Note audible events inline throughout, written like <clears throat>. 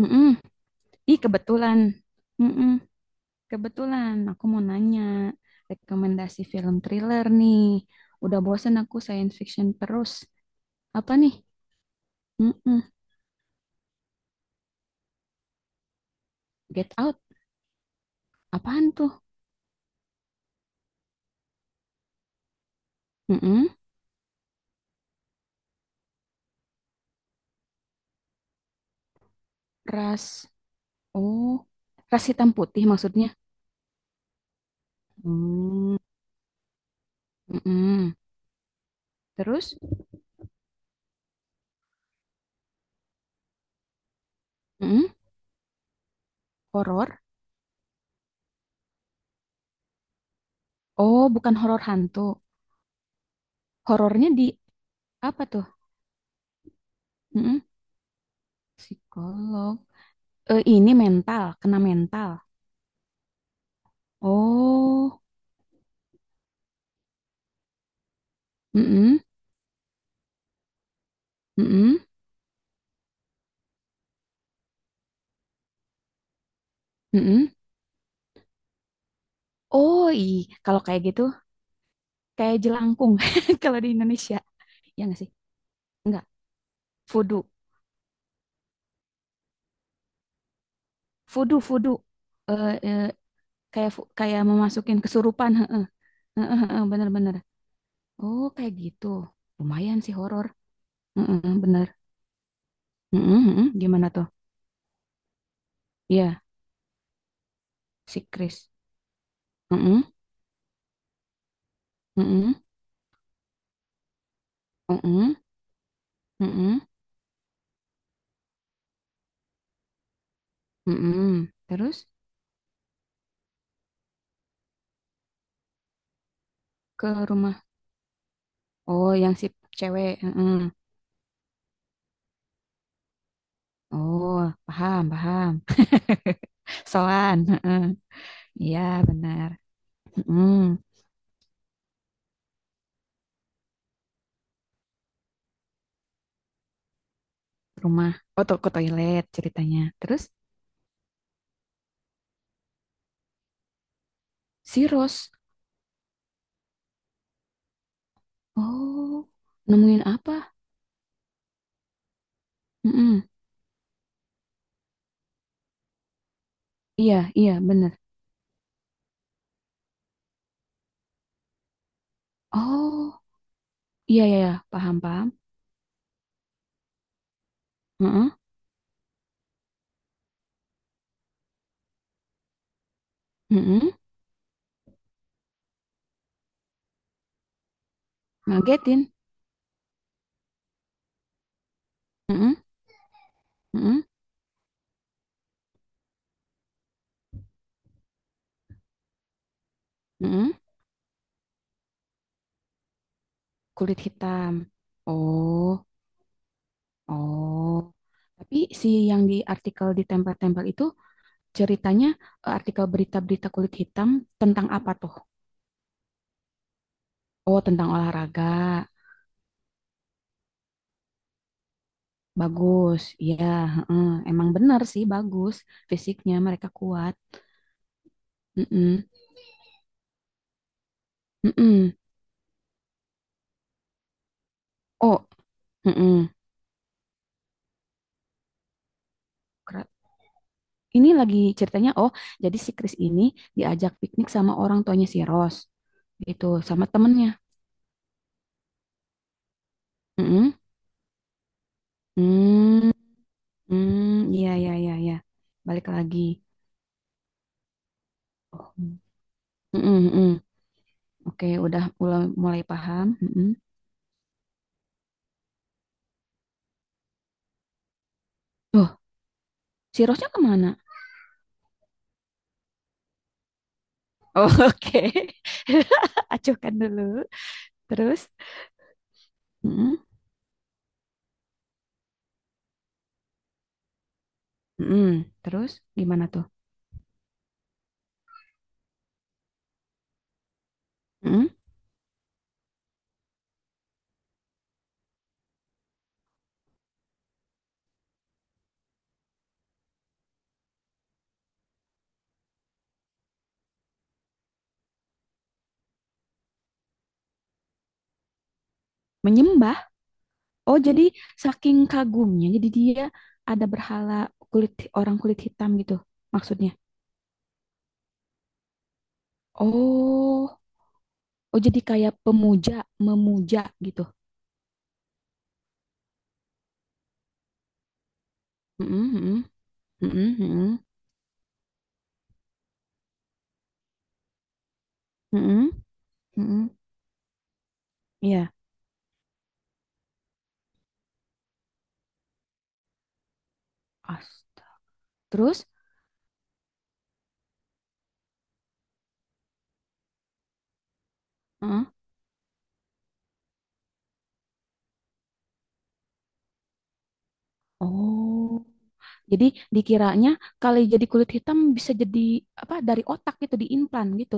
Mm-mm. Ih, kebetulan. Mm-mm. Kebetulan aku mau nanya rekomendasi film thriller nih. Udah bosen aku science fiction terus. Apa nih? Mm-mm. Get Out. Apaan tuh? Mm-mm. Ras. Oh, ras hitam putih maksudnya. Hmm. Mm-mm. Terus? Mm-mm. Horor. Oh, bukan horor hantu. Horornya di apa tuh? Mm-mm. Psikolog. Eh, ini mental, kena mental. Oh. Mm-mm. Mm-mm, mm-mm. Oh iya, kalau kayak gitu kayak jelangkung <laughs> kalau di Indonesia. Ya nggak sih? Enggak. Fudu. Fudu, fudu. Eh, eh, kayak memasukin kesurupan, heeh. Heeh, heeh, bener-bener. Oh, kayak gitu. Lumayan sih horor. Heeh, bener. Heeh, heeh. Gimana tuh? Iya, si Chris. Heeh, heeh, heeh, heeh, heeh. Terus ke rumah. Oh, yang si cewek, heeh. Oh, paham, paham. <laughs> Soan, heeh. Iya, benar. Mm-mm, rumah, oh ke toilet ceritanya. Terus si Rose, oh nemuin apa? Mm-mm. Iya, iya benar. Oh, iya iya, iya. Paham paham. Mm-mm, mm-mm. Ngagetin. Mm-mm, mm-mm, mm-mm. Kulit hitam. Oh, oh. Tapi si yang di artikel di tempel-tempel itu ceritanya artikel berita-berita kulit hitam tentang apa tuh? Oh, tentang olahraga. Bagus, iya, heeh. Emang benar sih bagus fisiknya mereka kuat. Mm-mm, mm-mm. Oh, mm-mm. Kera- Ini lagi ceritanya. Oh, jadi si Chris ini diajak piknik sama orang tuanya si Rose, gitu, sama temennya. Mm-mm. Hmm, hmm, iya, iya, iya, iya. Balik lagi. Oh, mm-mm, mm-mm. Oke, udah mulai, mulai paham. Mm-mm. Tuh, si Rose-nya kemana? Oh, <laughs> oke, <laughs> acuhkan dulu. Terus, mm-mm. Mm-mm. Terus gimana tuh? Mm-mm. Menyembah. Oh, jadi saking kagumnya, jadi dia ada berhala kulit orang kulit hitam gitu maksudnya. Oh, oh jadi kayak pemuja, memuja gitu. Mm-mm, mm-mm, mm-mm, mm-mm, mm-mm, mm-mm. Iya. Astaga. Terus, mm-mm. Oh, jadi dikiranya kali jadi kulit hitam bisa jadi apa dari otak gitu diimplan gitu.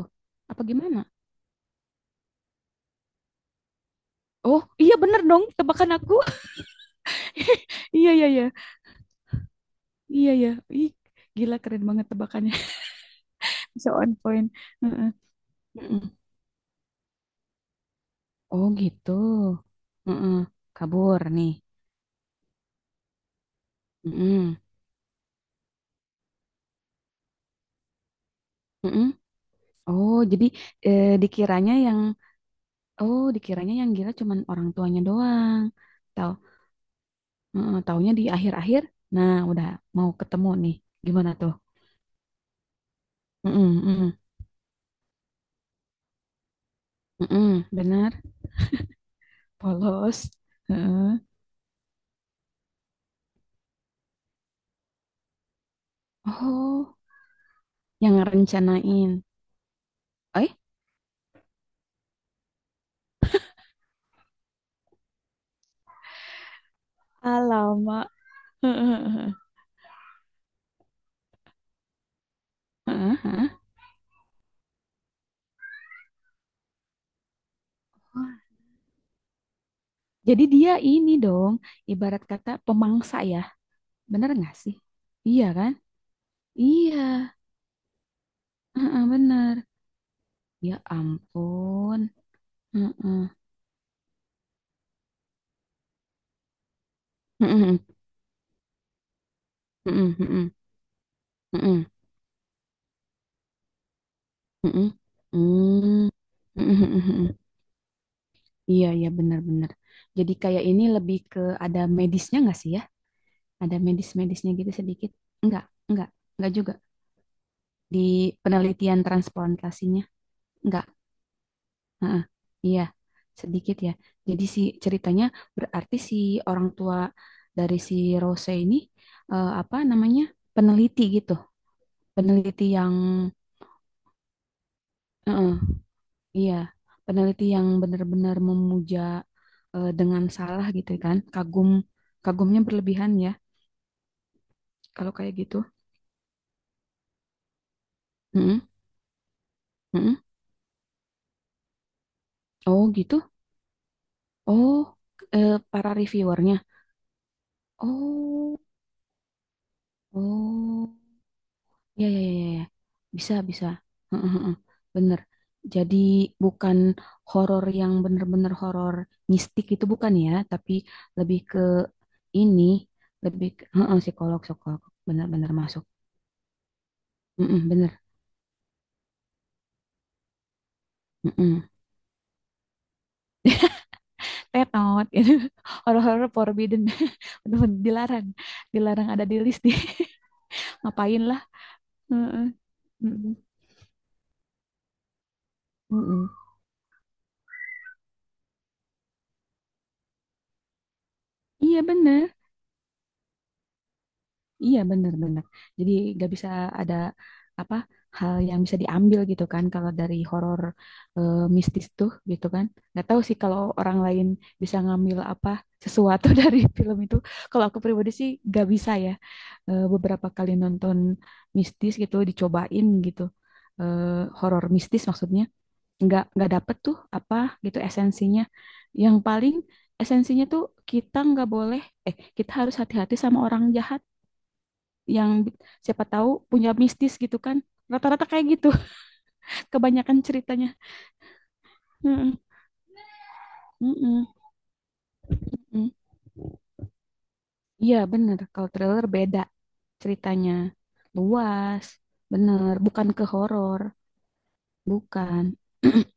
Apa gimana? Oh, iya bener dong tebakan aku. <laughs> Iya, iya, iya. Iya, iya. Ih, gila keren banget tebakannya. <laughs> Bisa on point. Heeh, heeh. Oh, gitu. Heeh. Kabur nih. Heeh, heeh. Oh, jadi eh, dikiranya yang oh, dikiranya yang gila cuman orang tuanya doang. Tahu, heeh, taunya di akhir-akhir. Nah, udah mau ketemu nih. Gimana tuh? Heeh, heeh. Heeh, benar. Polos. Heeh. Oh, yang rencanain. Eh, alamak. <laughs> Heeh. Wah, jadi dia ini dong, ibarat kata pemangsa ya. Bener nggak sih? Iya kan? Iya, heeh, bener. Ya ampun. Heeh, heeh, heeh, heeh, heeh, heeh. Hmm, heeh, heeh, heeh. Iya, iya benar-benar. Jadi kayak ini lebih ke ada medisnya nggak sih ya? Ada medis-medisnya gitu sedikit? Enggak, enggak, enggak juga. Di penelitian transplantasinya, enggak. Heeh, iya, sedikit ya. Jadi si ceritanya berarti si orang tua dari si Rose ini eh, apa namanya? Peneliti gitu. Peneliti yang heeh, iya, peneliti yang benar-benar memuja eh, dengan salah gitu kan. Kagumnya berlebihan ya kalau kayak gitu. Heeh, heeh. Oh, gitu. Oh, para reviewernya. Oh, oh. Ya, ya, ya, ya, ya. Bisa, bisa. Heeh, heeh. Bener. Jadi bukan horor yang bener-bener horor mistik itu bukan ya, tapi lebih ke ini, lebih ke heeh, psikolog, psikolog. Bener-bener masuk. Heeh, bener. Heeh. Tetot, gitu. <laughs> Horor-horor forbidden. <laughs> Bener-bener dilarang. Dilarang ada di list nih. <laughs> Ngapain lah. Heeh. Heeh. Heeh. Iya bener. Iya benar-benar. Jadi gak bisa ada apa hal yang bisa diambil gitu kan kalau dari horor mistis tuh gitu kan. Gak tahu sih kalau orang lain bisa ngambil apa sesuatu <laughs> dari film itu. Kalau aku pribadi sih gak bisa ya. Eh, beberapa kali nonton mistis gitu dicobain gitu. Eh, horor mistis maksudnya nggak dapet tuh apa gitu esensinya. Yang paling esensinya tuh kita nggak boleh kita harus hati-hati sama orang jahat yang siapa tahu punya mistis gitu kan. Rata-rata kayak gitu, <laughs> kebanyakan ceritanya. Heeh, heeh, heeh. Iya bener, kalau thriller beda ceritanya. Luas, bener. Bukan ke horor, bukan. <clears throat>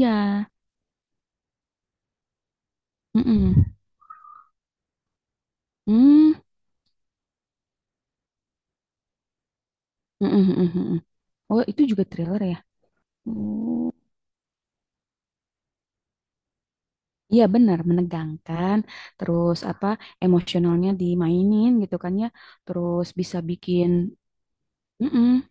Iya, heeh. Hmm, heeh, heeh, heeh. Oh, itu juga thriller ya? Oh, iya benar, menegangkan, terus apa emosionalnya dimainin gitu kan ya, terus bisa bikin, mm-mm.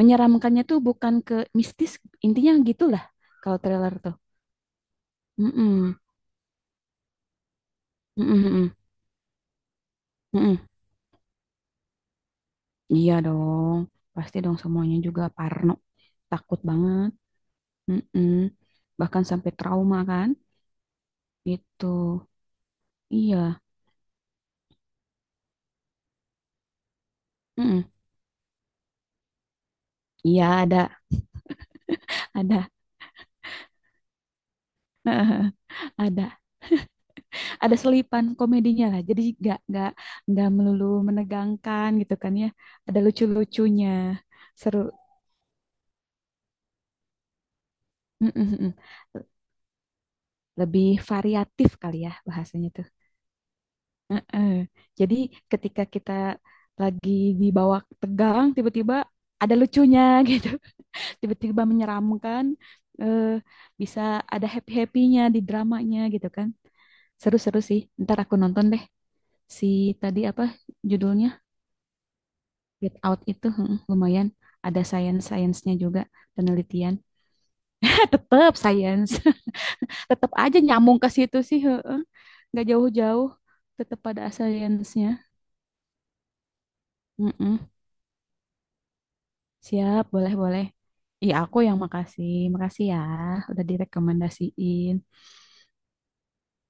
Menyeramkannya tuh bukan ke mistis, intinya gitulah kalau trailer tuh. Mm-mm. Mm-mm, mm-mm, mm-mm. Iya dong, pasti dong semuanya juga parno, takut banget. Mm-mm. Bahkan sampai trauma kan, gitu. Iya, mm-mm. Iya ada, heeh, ada, ada selipan komedinya lah. Jadi gak nggak melulu menegangkan gitu kan ya. Ada lucu-lucunya, seru. Mm-mm, mm-mm. Lebih variatif kali ya bahasanya. Heeh. Jadi ketika kita lagi dibawa tegang, tiba-tiba ada lucunya <laughs> gitu, tiba-tiba menyeramkan, eh, bisa ada happy-happynya di dramanya gitu kan. Seru-seru sih. Ntar aku nonton deh si tadi apa judulnya Get Out itu heeh, lumayan ada science-science-nya juga penelitian. <laughs> Tetep science, <laughs> tetep aja nyambung ke situ sih, heeh. Nggak jauh-jauh, tetep pada science-nya. Heeh. Siap, boleh-boleh. Iya, aku yang makasih. Makasih ya, udah direkomendasiin.